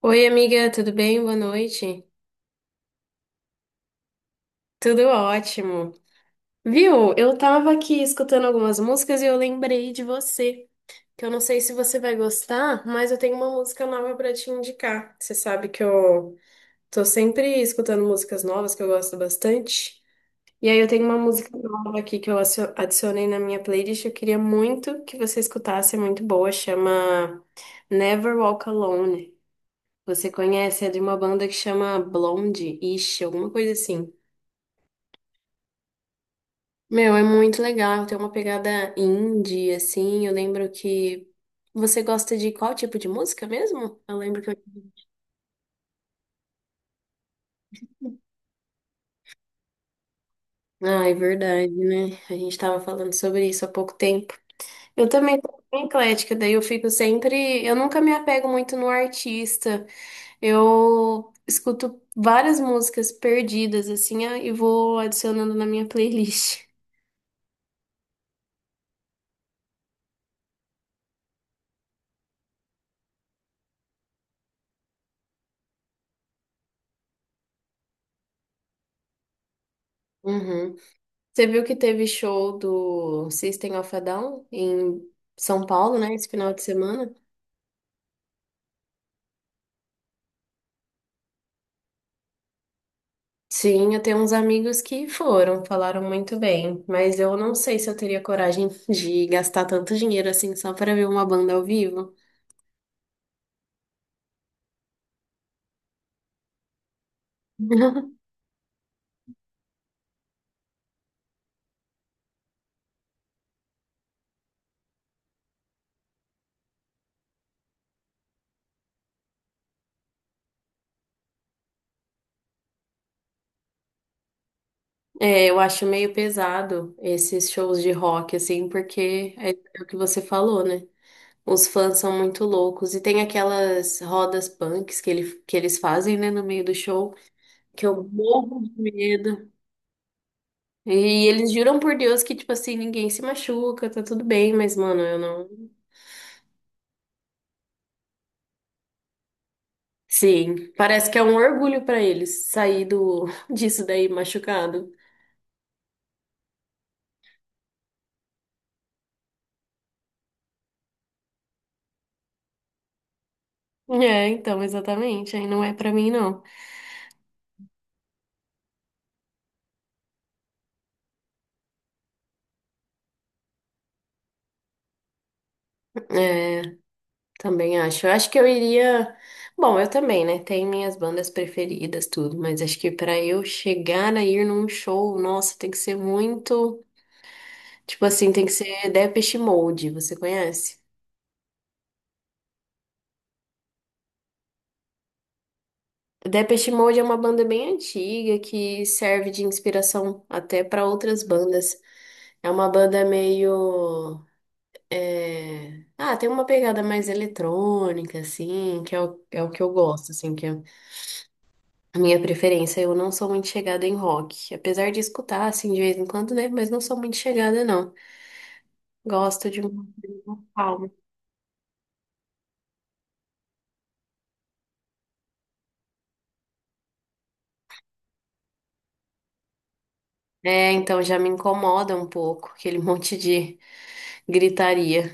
Oi, amiga, tudo bem? Boa noite. Tudo ótimo. Viu? Eu tava aqui escutando algumas músicas e eu lembrei de você, que eu não sei se você vai gostar, mas eu tenho uma música nova pra te indicar. Você sabe que eu tô sempre escutando músicas novas que eu gosto bastante. E aí eu tenho uma música nova aqui que eu adicionei na minha playlist, eu queria muito que você escutasse, é muito boa, chama Never Walk Alone. Você conhece? É de uma banda que chama Blonde, Ish, alguma coisa assim. Meu, é muito legal, tem uma pegada indie, assim. Eu lembro que. Você gosta de qual tipo de música mesmo? Eu lembro que eu. Ah, é verdade, né? A gente tava falando sobre isso há pouco tempo. Eu também sou bem eclética, daí eu fico sempre. Eu nunca me apego muito no artista. Eu escuto várias músicas perdidas, assim, ah, e vou adicionando na minha playlist. Uhum. Você viu que teve show do System of a Down em São Paulo, né, esse final de semana? Sim, eu tenho uns amigos que foram, falaram muito bem, mas eu não sei se eu teria coragem de gastar tanto dinheiro assim só para ver uma banda ao vivo. É, eu acho meio pesado esses shows de rock, assim, porque é o que você falou, né? Os fãs são muito loucos. E tem aquelas rodas punks que eles fazem, né, no meio do show, que eu morro de medo. E eles juram por Deus que, tipo assim, ninguém se machuca, tá tudo bem, mas, mano, eu não. Sim, parece que é um orgulho pra eles sair do, disso daí machucado. É, então, exatamente. Aí não é pra mim, não. É, também acho. Eu acho que eu iria. Bom, eu também, né? Tem minhas bandas preferidas, tudo, mas acho que pra eu chegar a ir num show, nossa, tem que ser muito. Tipo assim, tem que ser Depeche Mode, você conhece? Depeche Mode é uma banda bem antiga que serve de inspiração até pra outras bandas. É uma banda meio. É, ah, tem uma pegada mais eletrônica, assim, que é o que eu gosto, assim, que é a minha preferência. Eu não sou muito chegada em rock. Apesar de escutar, assim, de vez em quando, né? Mas não sou muito chegada, não. Gosto de um calmo. É, então já me incomoda um pouco aquele monte de gritaria.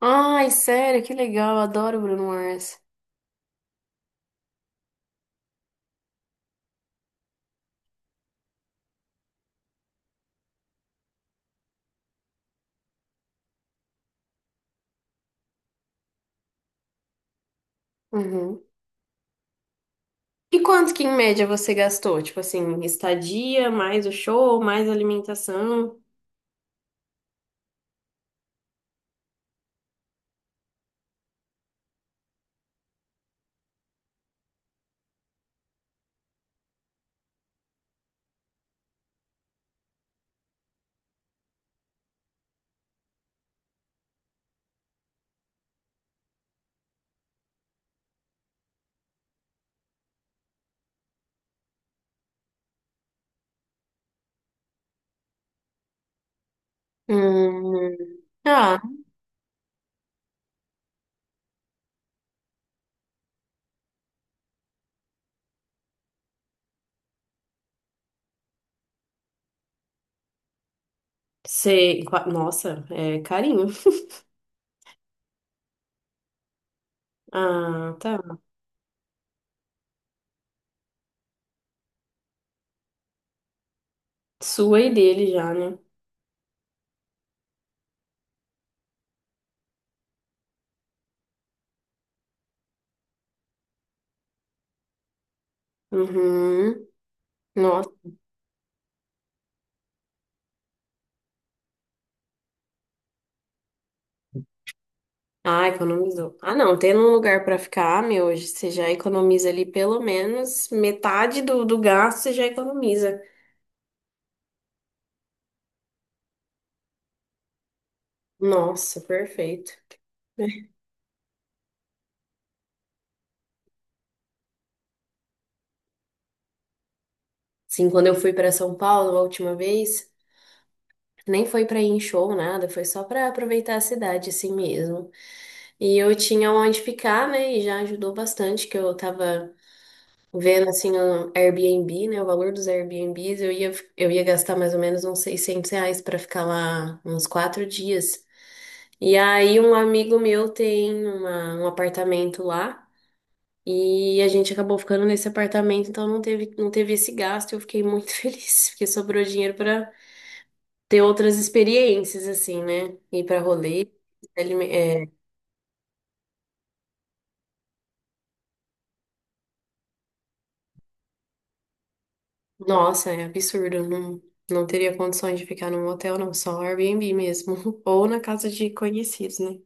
Ai, sério, que legal, adoro Bruno Mars. Uhum. E quanto que em média você gastou? Tipo assim, estadia, mais o show, mais alimentação? Hum. Ah, sei. Qua- nossa, é carinho. Ah, tá. Sua e dele já, né? Uhum. Nossa. Ah, economizou. Ah, não, tendo um lugar pra ficar, meu, hoje você já economiza ali pelo menos metade do gasto, você já economiza. Nossa, perfeito. Sim, quando eu fui pra São Paulo a última vez, nem foi pra ir em show, nada, foi só pra aproveitar a cidade assim mesmo. E eu tinha onde ficar, né? E já ajudou bastante que eu tava vendo assim um Airbnb, né, o valor dos Airbnbs, eu ia gastar mais ou menos uns 600 reais para ficar lá uns quatro dias. E aí um amigo meu tem um apartamento lá e a gente acabou ficando nesse apartamento, então não teve esse gasto. Eu fiquei muito feliz, porque sobrou dinheiro para ter outras experiências assim, né? Ir para rolê, nossa, é absurdo. Não, não teria condições de ficar num hotel, não. Só Airbnb mesmo. Ou na casa de conhecidos, né?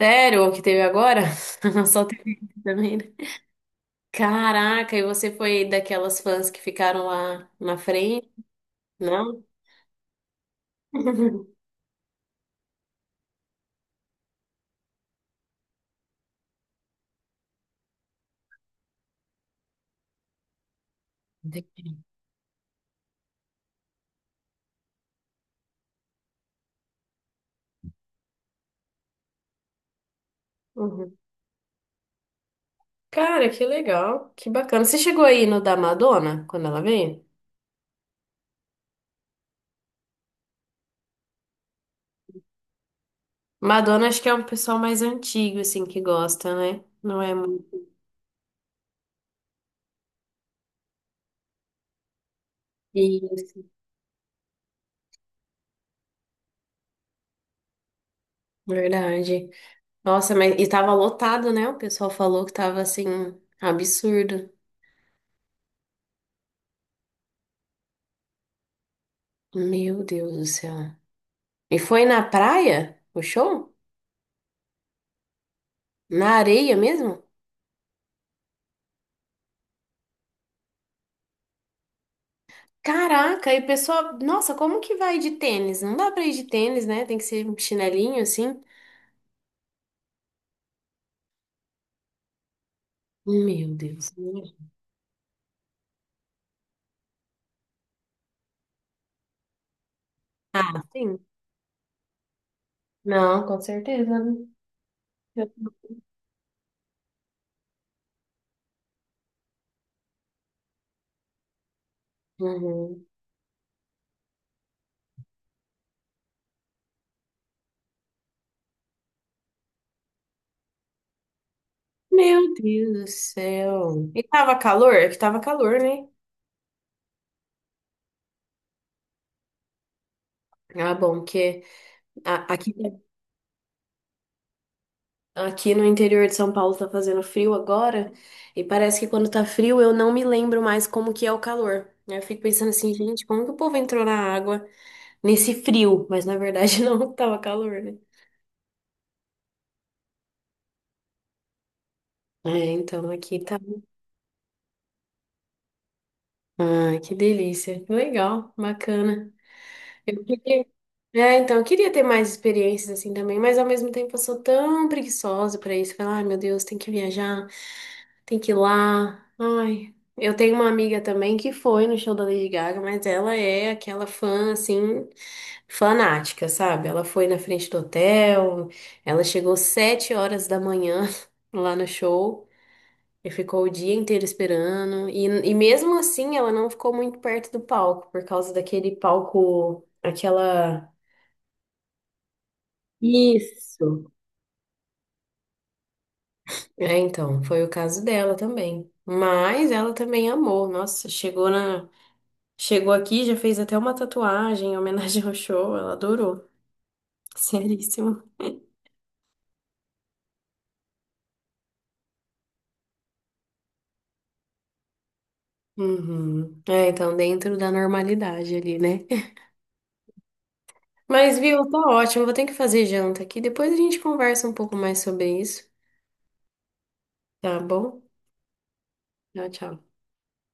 Sério, o que teve agora? Só teve isso também, né? Caraca, e você foi daquelas fãs que ficaram lá na frente? Não? Uhum. Cara, que legal, que bacana. Você chegou aí no da Madonna, quando ela veio? Madonna acho que é um pessoal mais antigo, assim, que gosta, né? Não é muito... Isso, verdade. Nossa, mas e tava lotado, né? O pessoal falou que tava assim, absurdo. Meu Deus do céu. E foi na praia? O show? Na areia mesmo? Caraca, e o pessoal, nossa, como que vai de tênis? Não dá pra ir de tênis, né? Tem que ser um chinelinho assim. Meu Deus. Ah, sim. Não, com certeza, né? Uhum. Meu Deus do céu. E tava calor? É que tava calor, né? Ah, bom, porque aqui, aqui no interior de São Paulo tá fazendo frio agora, e parece que quando tá frio eu não me lembro mais como que é o calor. Aí eu fico pensando assim, gente, como que o povo entrou na água nesse frio? Mas na verdade não tava calor, né? É, então aqui tá. Ah, que delícia. Legal, bacana. Eu queria... É, então, eu queria ter mais experiências assim também, mas ao mesmo tempo eu sou tão preguiçosa pra isso. Falar, ai meu Deus, tem que viajar. Tem que ir lá. Ai, eu tenho uma amiga também que foi no show da Lady Gaga, mas ela é aquela fã, assim, fanática, sabe? Ela foi na frente do hotel, ela chegou 7 horas da manhã lá no show e ficou o dia inteiro esperando. E mesmo assim, ela não ficou muito perto do palco, por causa daquele palco, aquela. Isso. É, então, foi o caso dela também. Mas ela também amou. Nossa, chegou na. Chegou aqui, já fez até uma tatuagem em homenagem ao show, ela adorou. Seríssimo. Uhum. É, então dentro da normalidade ali, né? Mas, viu, tá ótimo. Vou ter que fazer janta aqui. Depois a gente conversa um pouco mais sobre isso, tá bom? Tchau, tchau.